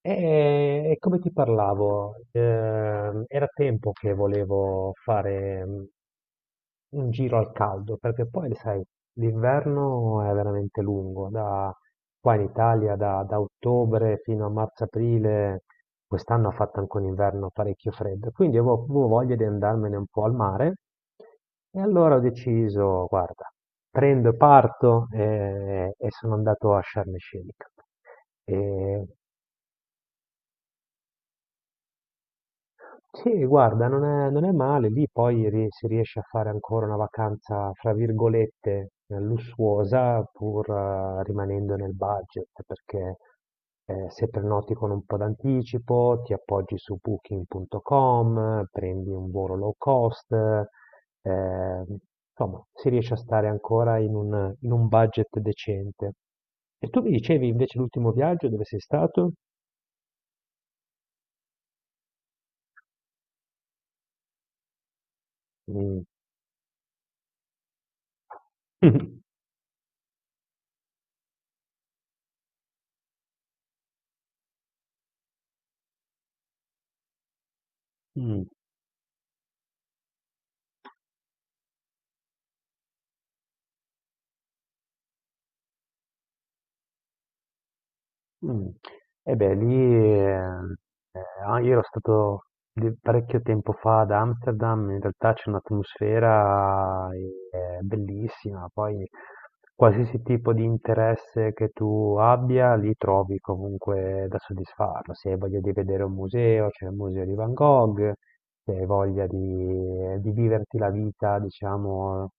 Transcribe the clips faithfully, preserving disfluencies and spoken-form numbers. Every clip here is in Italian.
E, e come ti parlavo, ehm, era tempo che volevo fare mm, un giro al caldo, perché poi, sai, l'inverno è veramente lungo, da qua in Italia, da, da ottobre fino a marzo-aprile, quest'anno ha fatto anche un inverno parecchio freddo, quindi avevo, avevo voglia di andarmene un po' al mare, e allora ho deciso, guarda, prendo e parto, e, e sono andato a Sharm el Sheikh. E sì, guarda, non è, non è male, lì poi ri- si riesce a fare ancora una vacanza, fra virgolette, eh, lussuosa, pur eh, rimanendo nel budget, perché eh, se prenoti con un po' d'anticipo, ti appoggi su booking punto com, prendi un volo low cost, eh, insomma, si riesce a stare ancora in un, in un budget decente. E tu mi dicevi invece l'ultimo viaggio dove sei stato? Mm. Mm. Mh. E beh, lì, ehm, ehm, ah, io ero stato di parecchio tempo fa ad Amsterdam, in realtà c'è un'atmosfera, ehm, bellissima, poi qualsiasi tipo di interesse che tu abbia, lì trovi comunque da soddisfarlo. Se hai voglia di vedere un museo, c'è il museo di Van Gogh, se hai voglia di di viverti la vita, diciamo,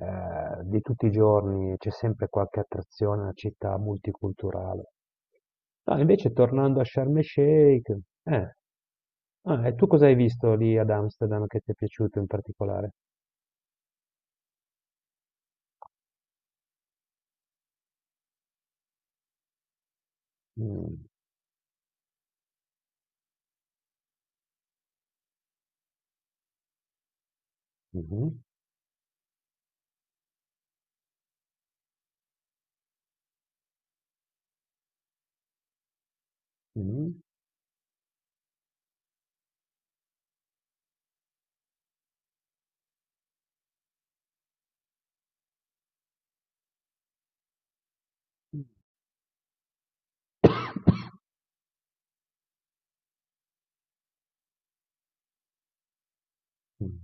ehm, di tutti i giorni, c'è sempre qualche attrazione, è una città multiculturale. No, invece tornando a Sharm el-Sheikh, eh. Ah, e tu cosa hai visto lì ad Amsterdam che ti è piaciuto in particolare? Mm, mhm, mhm, mm,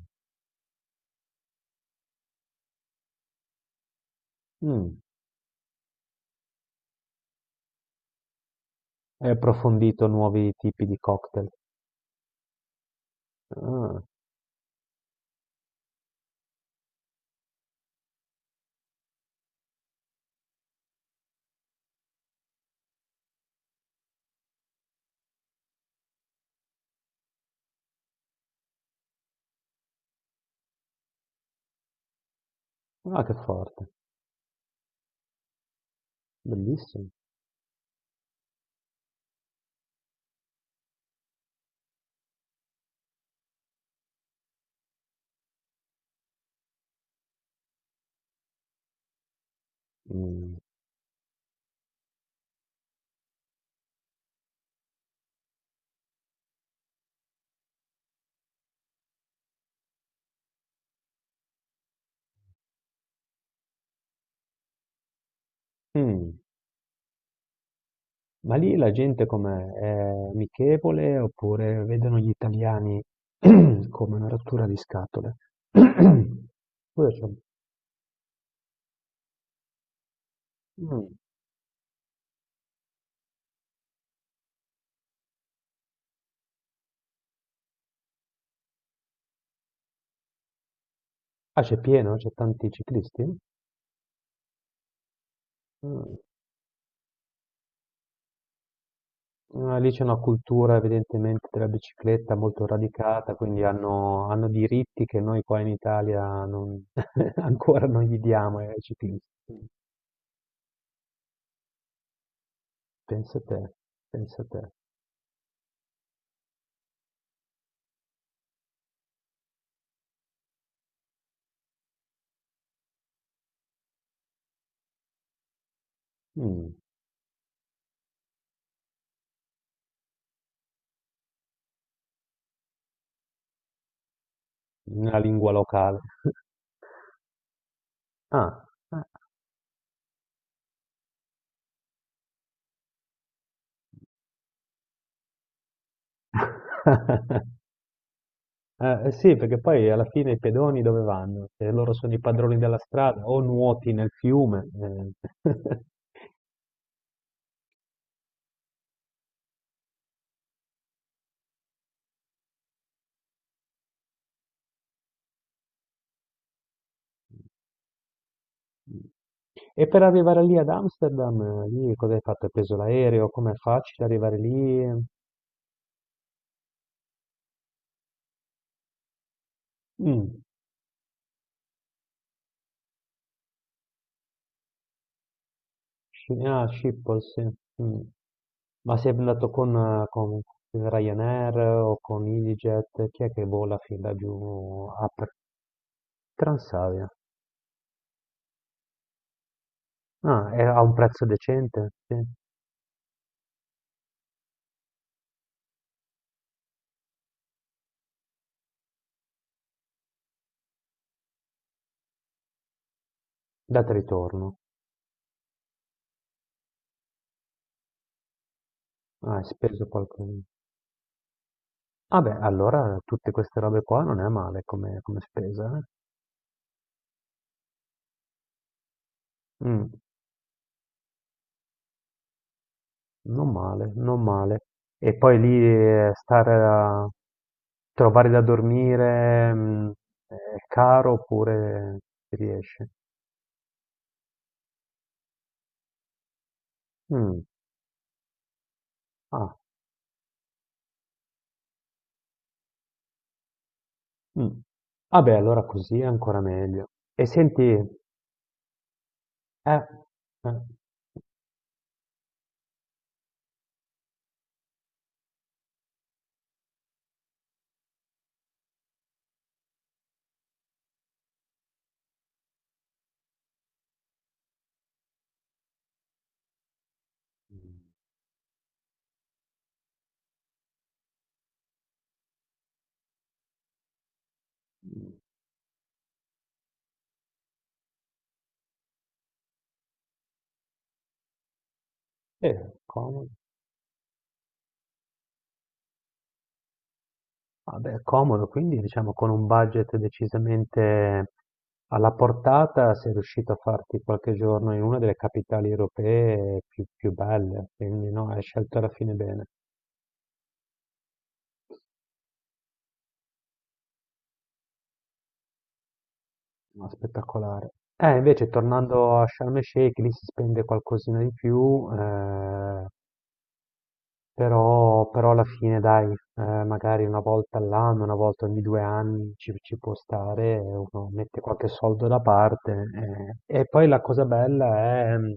mm. Hai approfondito nuovi tipi di cocktail. Ah, ah, che forte, bellissimo. Mm, mm. Ma lì la gente com'è? È amichevole oppure vedono gli italiani come una rottura di scatole? Pure c'è- Mm. Ah, c'è pieno? C'è tanti ciclisti? Mm. Ah, lì c'è una cultura evidentemente della bicicletta molto radicata, quindi hanno, hanno diritti che noi qua in Italia non- ancora non gli diamo ai ciclisti. Pensa te, pensa te. Mm, una lingua locale. Ah. Eh, sì, perché poi alla fine i pedoni dove vanno? Se loro sono i padroni della strada, o nuoti nel fiume, eh. Mm. E per arrivare lì ad Amsterdam, eh, lì cosa hai fatto? Hai preso l'aereo? Com'è facile arrivare lì? Mm. Sci- Ah, Schiphol, sì. Mm. Ma sei andato con, eh, con Ryanair o con EasyJet? Chi è che vola fin da giù a Pr- Transavia? Ah, è a un prezzo decente? Sì. Data e ritorno. Ah, hai speso qualcosa. Ah beh, allora tutte queste robe qua non è male come, come spesa, eh? Mm. Non male, non male. E poi lì eh, stare a trovare da dormire mm, è caro oppure si riesce? Mm, ah, mm. Vabbè, allora così è ancora meglio. E senti, eh, eh, mm, eh, comodo. Vabbè, comodo, quindi diciamo con un budget decisamente alla portata sei riuscito a farti qualche giorno in una delle capitali europee più, più belle, quindi no, hai scelto alla fine bene, ma spettacolare. Eh, invece tornando a Sharm el Sheikh, lì si spende qualcosina di più, eh, Però, però alla fine, dai, eh, magari una volta all'anno, una volta ogni due anni ci, ci può stare, uno mette qualche soldo da parte, eh. E poi la cosa bella è mm,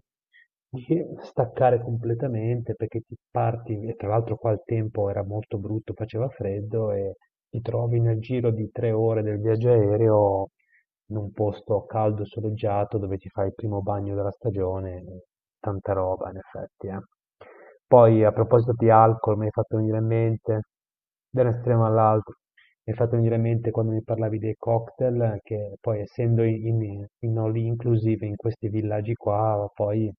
di staccare completamente perché ti parti, e tra l'altro qua il tempo era molto brutto, faceva freddo e ti trovi nel giro di tre ore del viaggio aereo in un posto caldo, soleggiato, dove ti fai il primo bagno della stagione, tanta roba in effetti, eh. Poi a proposito di alcol, mi hai fatto venire in mente, da un estremo all'altro. Mi hai fatto venire in mente quando mi parlavi dei cocktail, che poi essendo in, in all inclusive in questi villaggi qua, poi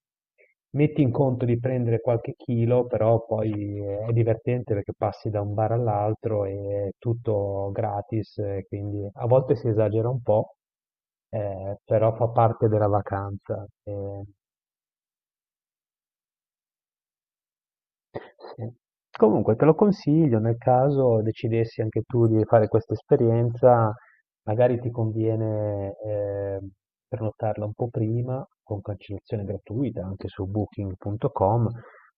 metti in conto di prendere qualche chilo, però poi è divertente perché passi da un bar all'altro e è tutto gratis, eh, quindi a volte si esagera un po', eh, però fa parte della vacanza, eh. Sì. Comunque te lo consiglio nel caso decidessi anche tu di fare questa esperienza, magari ti conviene eh, prenotarla un po' prima con cancellazione gratuita anche su booking punto com,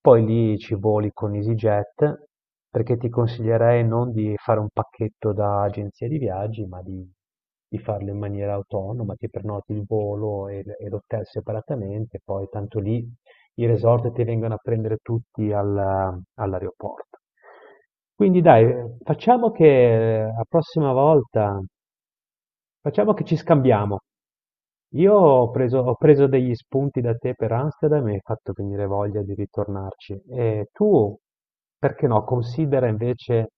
poi lì ci voli con EasyJet perché ti consiglierei non di fare un pacchetto da agenzia di viaggi, ma di, di farlo in maniera autonoma, ti prenoti il volo e, e l'hotel separatamente, poi tanto lì i resort ti vengono a prendere tutti alla- all'aeroporto. Quindi dai, eh, facciamo che eh, la prossima volta, facciamo che ci scambiamo. Io ho preso, ho preso degli spunti da te per Amsterdam e mi hai fatto venire voglia di ritornarci. E tu, perché no, considera invece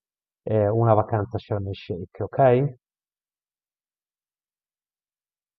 eh, una vacanza a Sharm el Sheikh, ok?